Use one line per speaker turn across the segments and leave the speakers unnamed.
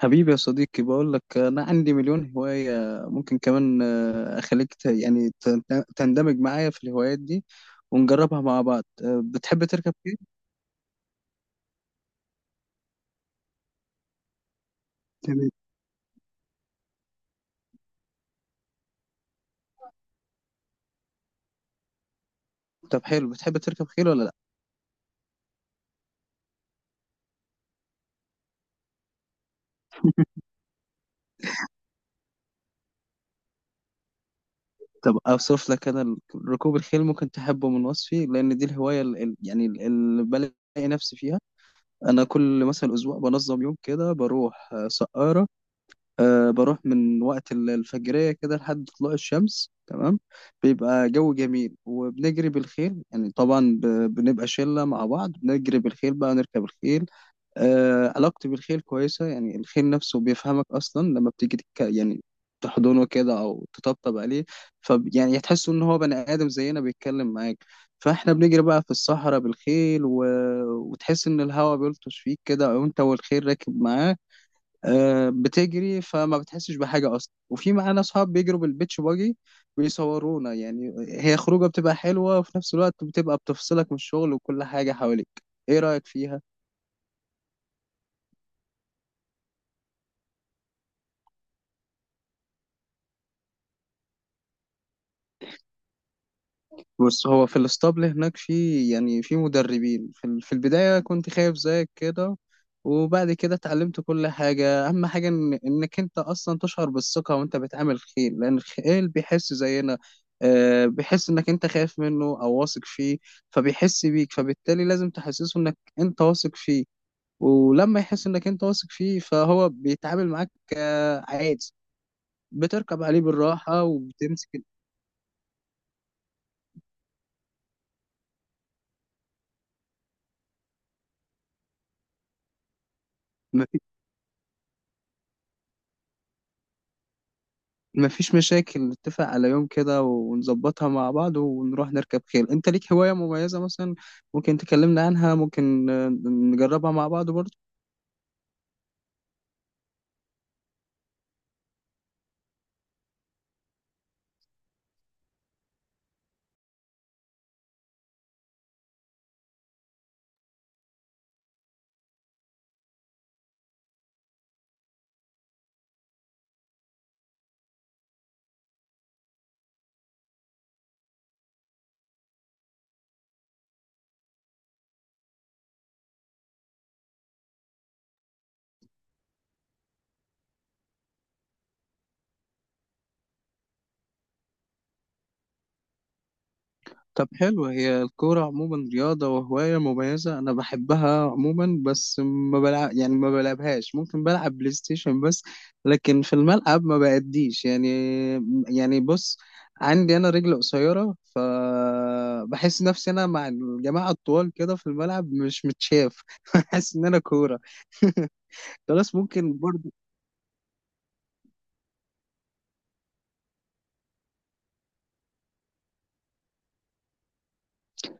حبيبي يا صديقي بقول لك انا عندي مليون هواية. ممكن كمان، اخليك تندمج معايا في الهوايات دي ونجربها مع بعض. بتحب تركب خيل؟ تمام. طب حلو، بتحب تركب خيل ولا لا؟ طب اوصف لك انا ركوب الخيل ممكن تحبه من وصفي، لان دي الهواية اللي بلاقي نفسي فيها. انا كل مثلا اسبوع بنظم يوم كده بروح، سقارة. أه بروح من وقت الفجرية كده لحد طلوع الشمس، تمام. بيبقى جو جميل وبنجري بالخيل، يعني طبعا بنبقى شلة مع بعض بنجري بالخيل بقى، نركب الخيل. أه علاقتي بالخيل كويسة، يعني الخيل نفسه بيفهمك أصلا لما بتيجي تك... يعني تحضنه كده أو تطبطب عليه. ف يعني تحس إن هو بني آدم زينا بيتكلم معاك. فاحنا بنجري بقى في الصحراء بالخيل و... وتحس ان الهواء بيلطش فيك كده وانت والخيل راكب معاه. بتجري فما بتحسش بحاجة أصلا، وفي معانا أصحاب بيجروا بالبيتش باجي بيصورونا. يعني هي خروجة بتبقى حلوة وفي نفس الوقت بتبقى بتفصلك من الشغل وكل حاجة حواليك. إيه رأيك فيها؟ بص، هو في الاسطبل هناك في، يعني في مدربين. في البداية كنت خايف زيك كده، وبعد كده اتعلمت كل حاجة. أهم حاجة إنك أنت أصلا تشعر بالثقة وأنت بتعامل خيل، لأن الخيل بيحس زينا. بيحس إنك أنت خايف منه أو واثق فيه، فبيحس بيك، فبالتالي لازم تحسسه إنك أنت واثق فيه. ولما يحس إنك أنت واثق فيه فهو بيتعامل معاك عادي، بتركب عليه بالراحة وبتمسك. مفيش مفيش مشاكل، نتفق على يوم كده ونظبطها مع بعض ونروح نركب خيل. انت ليك هواية مميزة مثلا؟ ممكن تكلمنا عنها، ممكن نجربها مع بعض برضه. طب حلو، هي الكورة عموما رياضة وهواية مميزة، أنا بحبها عموما بس ما بلعب، يعني ما بلعبهاش. ممكن بلعب بلاي ستيشن بس، لكن في الملعب ما بأديش يعني. يعني بص، عندي أنا رجل قصيرة فبحس نفسي أنا مع الجماعة الطوال كده في الملعب مش متشاف. بحس إن أنا كورة. خلاص، ممكن.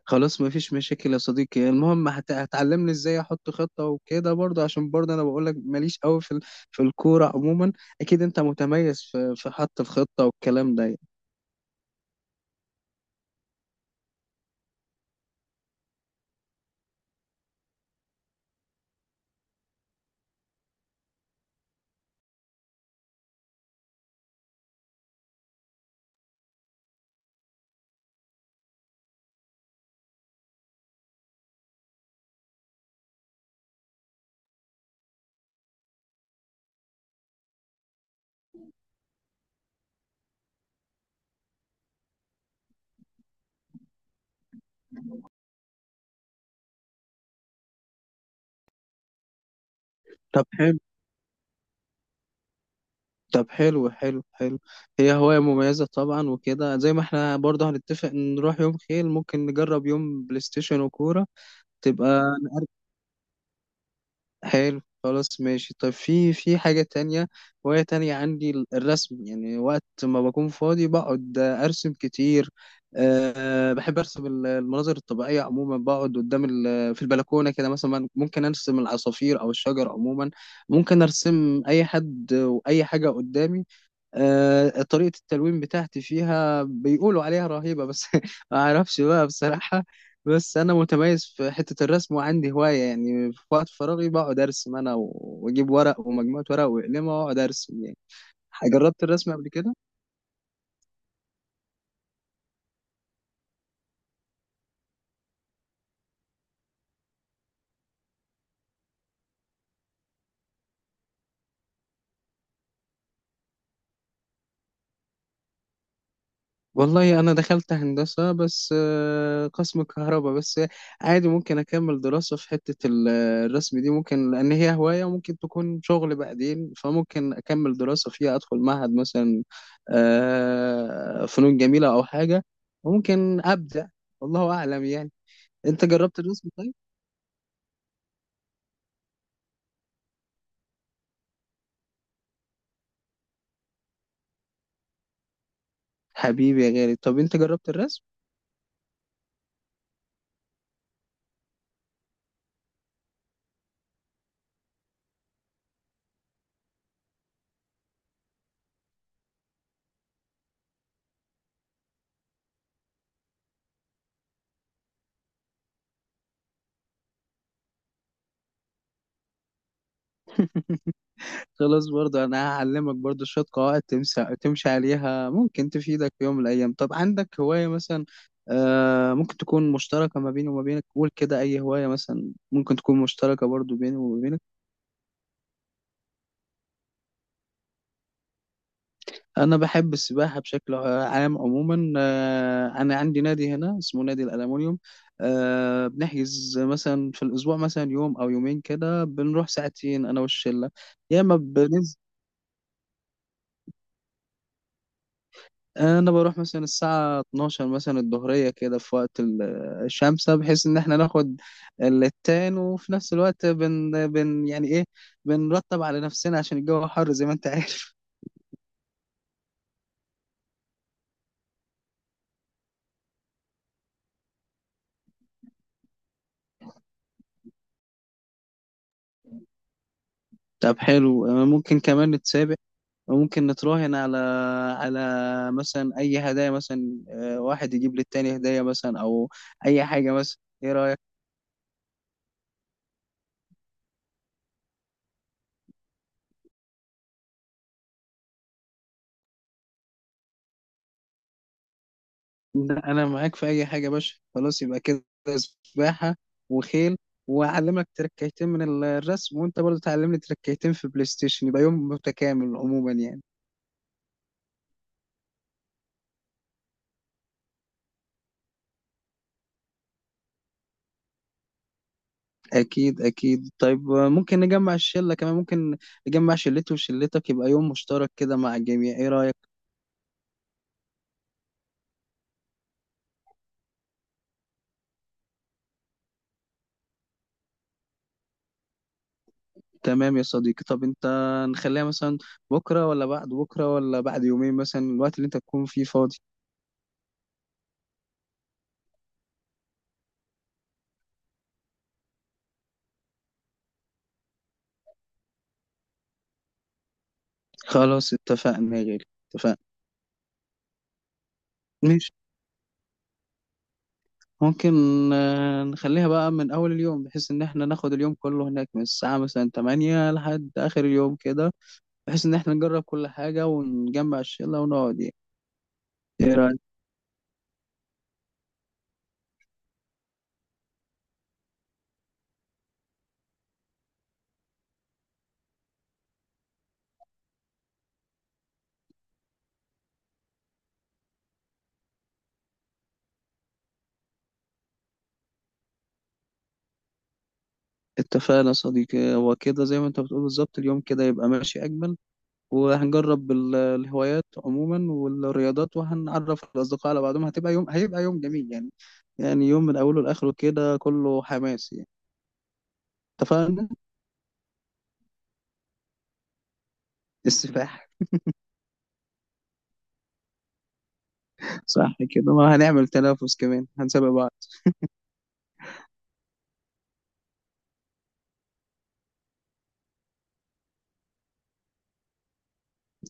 خلاص مفيش مشاكل يا صديقي. المهم هتعلمني ازاي احط خطة وكده برضه، عشان برضه انا بقولك ماليش قوي في الكورة عموما. اكيد انت متميز في حط الخطة والكلام ده يعني. طب حلو. طب حلو. هي هواية مميزة طبعا، وكده زي ما احنا برضه هنتفق نروح يوم خيل، ممكن نجرب يوم بلاي ستيشن وكورة. تبقى حلو، خلاص ماشي. طب في، في حاجة تانية وهي تانية عندي الرسم. يعني وقت ما بكون فاضي بقعد أرسم كتير. أه بحب أرسم المناظر الطبيعية عموما، بقعد قدام ال- في البلكونة كده. مثلا ممكن أرسم العصافير أو الشجر عموما، ممكن أرسم أي حد وأي حاجة قدامي. طريقة التلوين بتاعتي فيها بيقولوا عليها رهيبة، بس ما اعرفش بقى بصراحة. بس انا متميز في حتة الرسم وعندي هواية، يعني في وقت فراغي بقعد ارسم انا واجيب ورق ومجموعة ورق وأقلمها واقعد ارسم يعني. جربت الرسم قبل كده؟ والله انا دخلت هندسه، بس قسم كهرباء بس. عادي ممكن اكمل دراسه في حته الرسم دي، ممكن، لان هي هوايه وممكن تكون شغل بعدين، فممكن اكمل دراسه فيها، ادخل معهد مثلا فنون جميله او حاجه. وممكن ابدع، والله اعلم يعني. انت جربت الرسم طيب؟ حبيبي يا غالي، طب انت جربت الرسم؟ خلاص، برضه انا هعلمك برضه شوية قواعد تمشي عليها، ممكن تفيدك في يوم من الايام. طب عندك هواية مثلا آه، ممكن تكون مشتركة ما بيني وما بينك؟ قول كده، اي هواية مثلا ممكن تكون مشتركة برضه بيني وما بينك. انا بحب السباحة بشكل عام عموما. آه انا عندي نادي هنا اسمه نادي الألمونيوم. آه بنحجز مثلا في الاسبوع مثلا يوم او يومين كده، بنروح ساعتين انا والشلة. يا اما بننزل. انا بروح مثلا الساعه 12 مثلا الظهريه كده، في وقت الشمسه، بحيث ان احنا ناخد التان، وفي نفس الوقت بن, بن يعني ايه بنرتب على نفسنا عشان الجو حر زي ما انت عارف. طب حلو، ممكن كمان نتسابق، وممكن نتراهن على، على مثلا اي هدايا مثلا، واحد يجيب للتاني هدايا مثلا او اي حاجه مثلا. ايه رايك؟ لا انا معاك في اي حاجه يا باشا. خلاص يبقى كده سباحه وخيل، واعلمك تركيتين من الرسم، وانت برضه تعلمني تركيتين في بلاي ستيشن. يبقى يوم متكامل عموما يعني. اكيد اكيد. طيب ممكن نجمع الشله كمان، ممكن نجمع شلتي وشلتك يبقى يوم مشترك كده مع الجميع. ايه رايك؟ تمام يا صديقي. طب انت نخليها مثلا بكره ولا بعد بكره ولا بعد يومين مثلا، الوقت اللي انت تكون فيه فاضي؟ خلاص اتفقنا يا غالي، اتفقنا. ماشي، ممكن نخليها بقى من أول اليوم، بحيث إن إحنا ناخد اليوم كله هناك من الساعة مثلا تمانية لحد آخر اليوم كده، بحيث إن إحنا نجرب كل حاجة ونجمع الشلة ونقعد يعني. إيه رأيك؟ اتفقنا يا صديقي. وكده زي ما أنت بتقول بالظبط، اليوم كده يبقى ماشي أجمل، وهنجرب الهوايات عموما والرياضات، وهنعرف الأصدقاء على بعضهم. هتبقى يوم، هيبقى يوم جميل يعني. يعني يوم من أوله لآخره كده كله حماس يعني. اتفقنا؟ السفاح. صح كده، وهنعمل تنافس كمان، هنسابق بعض.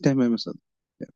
تمام يا صديقي.